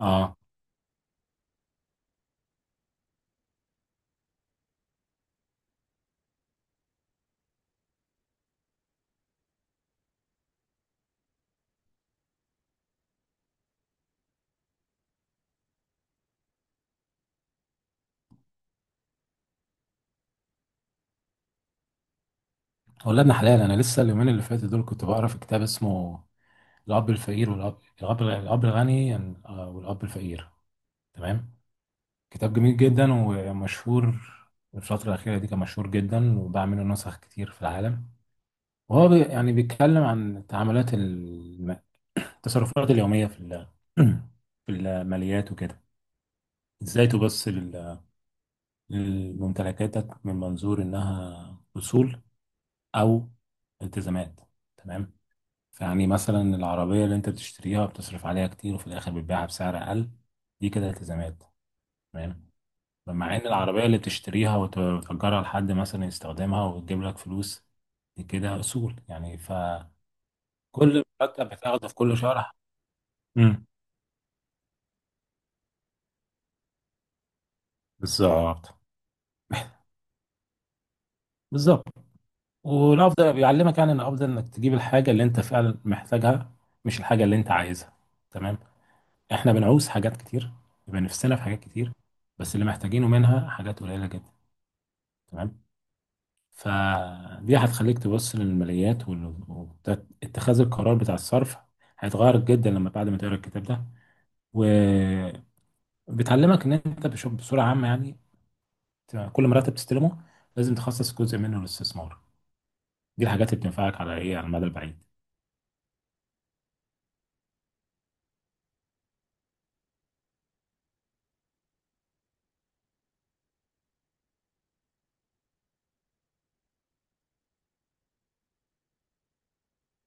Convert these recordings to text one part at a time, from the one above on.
اه. ولادنا حلال. انا لسه اليومين اللي فاتوا دول كنت بقرا في كتاب اسمه الاب الفقير والاب الاب الاب الغني والاب الفقير. تمام. كتاب جميل جدا ومشهور، الفترة الأخيرة دي كان مشهور جدا وباع منه نسخ كتير في العالم. وهو يعني بيتكلم عن تعاملات التصرفات اليومية في الماليات وكده. ازاي تبص لممتلكاتك من منظور انها اصول او التزامات. تمام. يعني مثلا العربية اللي انت بتشتريها بتصرف عليها كتير، وفي الآخر بتبيعها بسعر أقل. دي كده التزامات. تمام. مع إن العربية اللي بتشتريها وتأجرها لحد مثلا يستخدمها وتجيب لك فلوس، دي كده أصول. يعني فكل مرتب بتاخده في كل شهر. امم بالظبط، بالظبط. والأفضل بيعلمك يعني إن الأفضل إنك تجيب الحاجة اللي أنت فعلا محتاجها، مش الحاجة اللي أنت عايزها. تمام. إحنا بنعوز حاجات كتير، بيبقى نفسنا في حاجات كتير، بس اللي محتاجينه منها حاجات قليلة جدا. تمام. فدي هتخليك تبص للماليات، واتخاذ القرار بتاع الصرف هيتغير جدا لما بعد ما تقرا الكتاب ده. وبتعلمك ان انت بصوره عامه يعني كل مرتب تستلمه لازم تخصص جزء منه للاستثمار. دي الحاجات اللي بتنفعك على ايه، على المدى البعيد.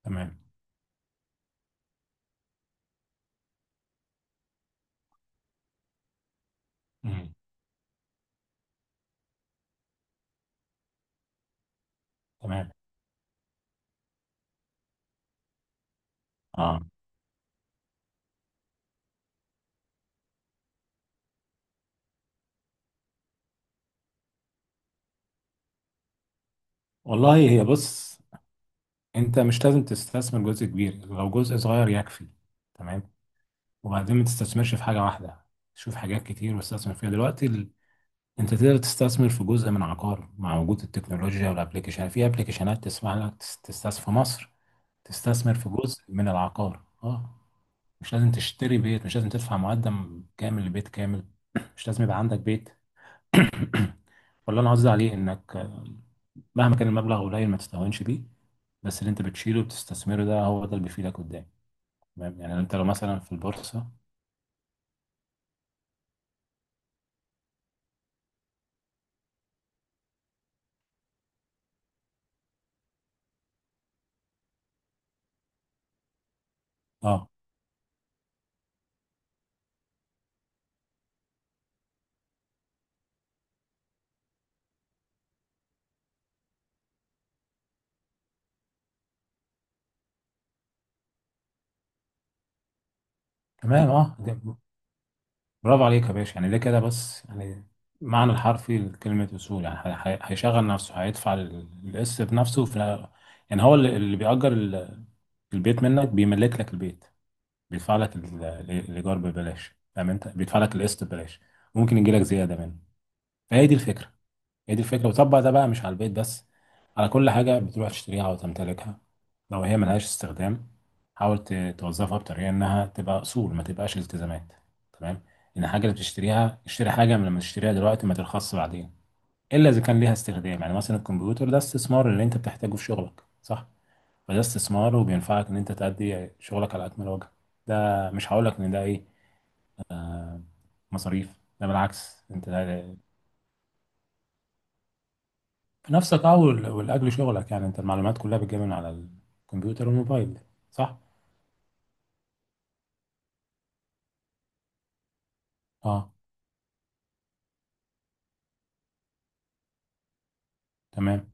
تمام. مم. تمام. اه. والله هي بص، انت مش لازم تستثمر جزء كبير، لو جزء صغير يكفي. تمام. وبعدين ما تستثمرش في حاجه واحده، شوف حاجات كتير واستثمر فيها دلوقتي. انت تقدر تستثمر في جزء من عقار مع وجود التكنولوجيا والابلكيشن، في ابلكيشنات تسمح لك تستثمر في مصر، تستثمر في جزء من العقار. اه. مش لازم تشتري بيت، مش لازم تدفع مقدم كامل لبيت كامل. مش لازم يبقى عندك بيت. ولا انا قصدي عليه انك، مهما كان المبلغ قليل ما تستهونش بيه، بس اللي انت بتشيله وبتستثمره ده، هو ده اللي بيفيدك قدام. تمام. يعني انت لو مثلا في البورصة. اه. تمام. اه. برافو عليك يا باشا. يعني ده كده بس، يعني معنى الحرفي لكلمة أصول. يعني هيشغل نفسه، هيدفع القسط بنفسه، في يعني هو اللي بيأجر البيت منك، بيملك لك البيت، بيدفع لك الإيجار ببلاش، فاهم أنت، بيدفع لك القسط ببلاش. ممكن يجي لك زيادة منه. فهي دي الفكرة، هي دي الفكرة. وطبق ده بقى مش على البيت بس، على كل حاجة بتروح تشتريها أو تمتلكها. لو هي ملهاش استخدام، حاول توظفها بطريقة إنها تبقى أصول، ما تبقاش التزامات. تمام. إن الحاجة اللي بتشتريها، اشتري حاجة من لما تشتريها دلوقتي ما ترخصش بعدين، إلا إذا كان ليها استخدام. يعني مثلا الكمبيوتر ده استثمار، اللي أنت بتحتاجه في شغلك، صح؟ فده استثمار وبينفعك إن أنت تأدي شغلك على أكمل وجه. ده مش هقولك إن ده إيه، مصاريف. ده بالعكس، أنت نفسك، اه، ولاجل شغلك يعني، انت المعلومات كلها بتجيبها من على الكمبيوتر والموبايل، صح؟ اه. تمام.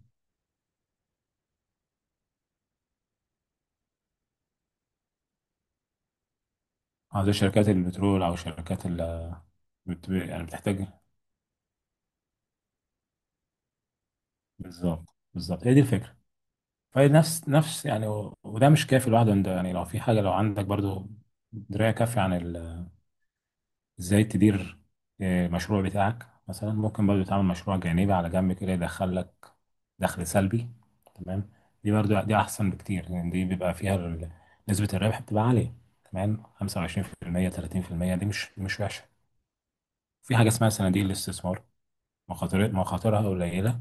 اه، زي شركات البترول او شركات ال، يعني بتحتاج. بالظبط، بالظبط، هي دي الفكره. فهي نفس يعني، وده مش كافي لوحده. انت يعني، لو في حاجه، لو عندك برضو درايه كافيه عن ازاي تدير مشروع بتاعك، مثلا ممكن برضو تعمل مشروع جانبي على جنب كده يدخل لك دخل سلبي. تمام. دي برضو دي احسن بكتير، لان دي بيبقى فيها نسبة الربح بتبقى عالية. تمام. 25% 30% دي مش وحشة. في حاجة اسمها صناديق الاستثمار، مخاطرها قليلة،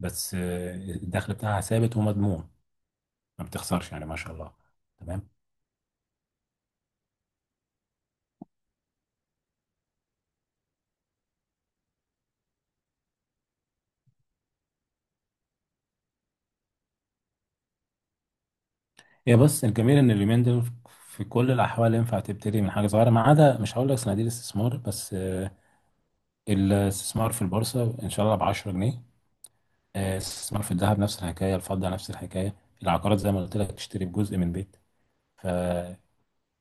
بس الدخل بتاعها ثابت ومضمون. ما بتخسرش يعني، ما شاء الله. تمام. هي بس الجميل ان اليومين دول في كل الاحوال ينفع تبتدي من حاجه صغيره. ما عدا مش هقول لك صناديق الاستثمار بس، الاستثمار في البورصة إن شاء الله ب 10 جنيه. الاستثمار في الذهب نفس الحكاية، الفضة نفس الحكاية، العقارات زي ما قلت لك تشتري بجزء من بيت، فإن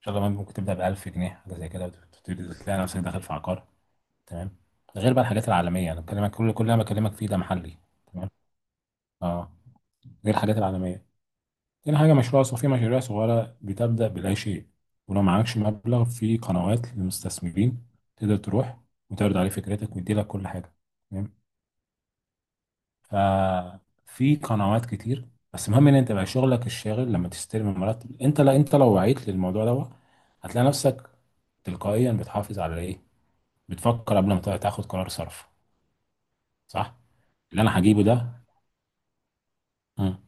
شاء الله ممكن تبدأ ب 1000 جنيه حاجة زي كده، وتبتدي تلاقي نفسك داخل في عقار. تمام. غير بقى الحاجات العالمية، أنا بكلمك، كل اللي أنا بكلمك فيه ده محلي. تمام. أه. غير الحاجات العالمية. تاني حاجة مشروع صغير، في مشاريع صغيرة بتبدأ بلا شيء، ولو معكش مبلغ، في قنوات للمستثمرين تقدر تروح وتعرض عليه فكرتك ويديلك كل حاجة. تمام؟ ففي قنوات كتير، بس المهم ان انت بقى شغلك الشاغل لما تستلم المرتب، انت لا، انت لو وعيت للموضوع ده هتلاقي نفسك تلقائيا بتحافظ على ايه، بتفكر قبل ما تاخد قرار صرف. صح. اللي انا هجيبه ده. مم.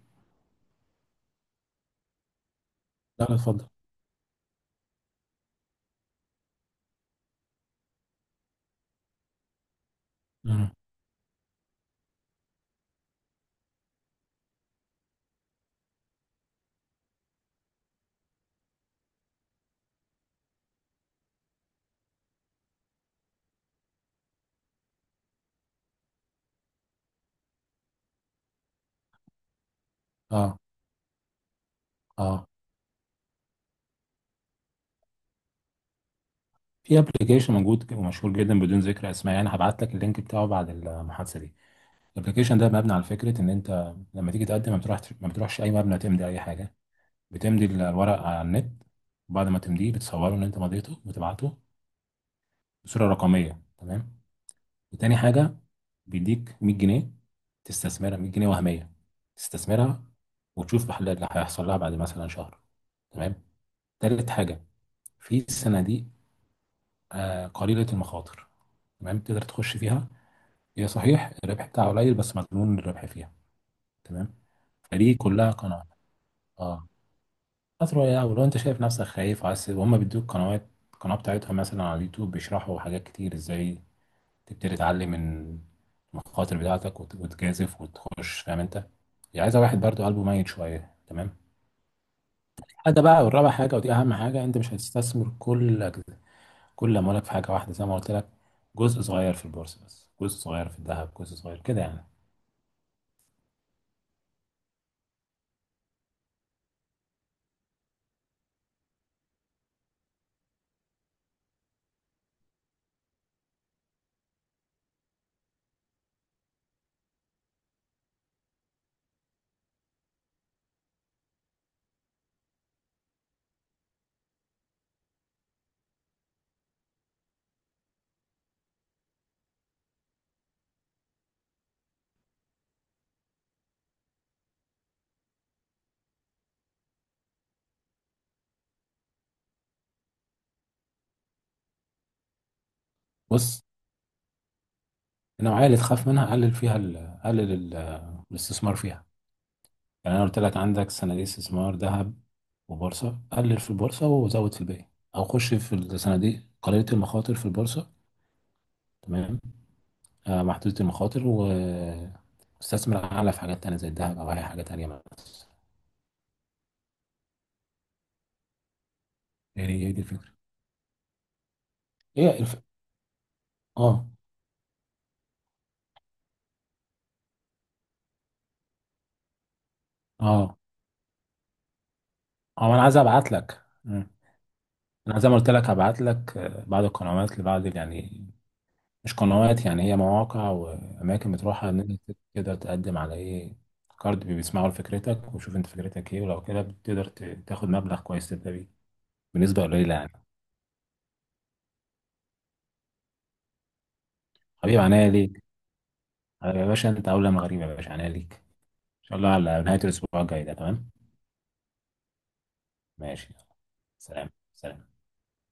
لا، لا، اتفضل. مم. اه، اه. في ابلكيشن موجود ومشهور جدا، بدون ذكر اسماء يعني، هبعت لك اللينك بتاعه بعد المحادثه دي. الابلكيشن ده مبني على فكره ان انت لما تيجي تقدم ما بتروحش، ما بتروحش اي مبنى تمضي اي حاجه، بتمضي الورق على النت، وبعد ما تمضيه بتصوره ان انت مضيته وتبعته بصوره رقميه. تمام. وتاني حاجه، بيديك 100 جنيه، تستثمرها 100 جنيه وهميه، تستثمرها وتشوف اللي هيحصل لها بعد مثلا شهر. تمام. تالت حاجه، في صناديق قليله المخاطر. تمام، تقدر تخش فيها، هي صحيح الربح بتاعها قليل، بس مضمون الربح فيها. تمام. فدي كلها قناعه. اه. فترة يا، ولو انت شايف نفسك خايف وعايز، وهم بيدوك قنوات، القناة بتاعتهم مثلا على اليوتيوب بيشرحوا حاجات كتير ازاي تبتدي تعلم من المخاطر بتاعتك، وتجازف وتخش. فاهم انت، يعني عايزة واحد برضو قلبه ميت شوية. تمام. هذا بقى، والرابع حاجة، ودي أهم حاجة، أنت مش هتستثمر كل أموالك في حاجة واحدة زي ما قلت لك. جزء صغير في البورصة بس، جزء صغير في الذهب، جزء صغير كده يعني. بص، النوعية اللي تخاف منها قلل فيها الاستثمار فيها. يعني انا قلت لك، عندك صناديق استثمار، ذهب وبورصه، قلل في البورصه وزود في الباقي. او خش في الصناديق قليله المخاطر في البورصه. تمام. محدوده المخاطر، واستثمر اعلى في حاجات تانية زي الذهب او اي حاجه تانية مثلا. يعني هي دي الفكره. هي الف... اه، اه، اه، انا عايز ابعت لك. مم. انا زي ما قلت لك هبعت لك، بعض القنوات لبعض يعني، مش قنوات، يعني هي مواقع واماكن بتروحها ان انت تقدر تقدم على ايه، كارد بيسمعوا لفكرتك ويشوف انت فكرتك ايه، ولو كده بتقدر تاخد مبلغ كويس تبدا بيه بنسبه قليله يعني. حبيب عينيا ليك. يا باشا انت اولى من غريب، يا باشا عينيا ليك، ان شاء الله على نهايه الاسبوع الجاي ده. تمام. ماشي، يلا. سلام. سلام.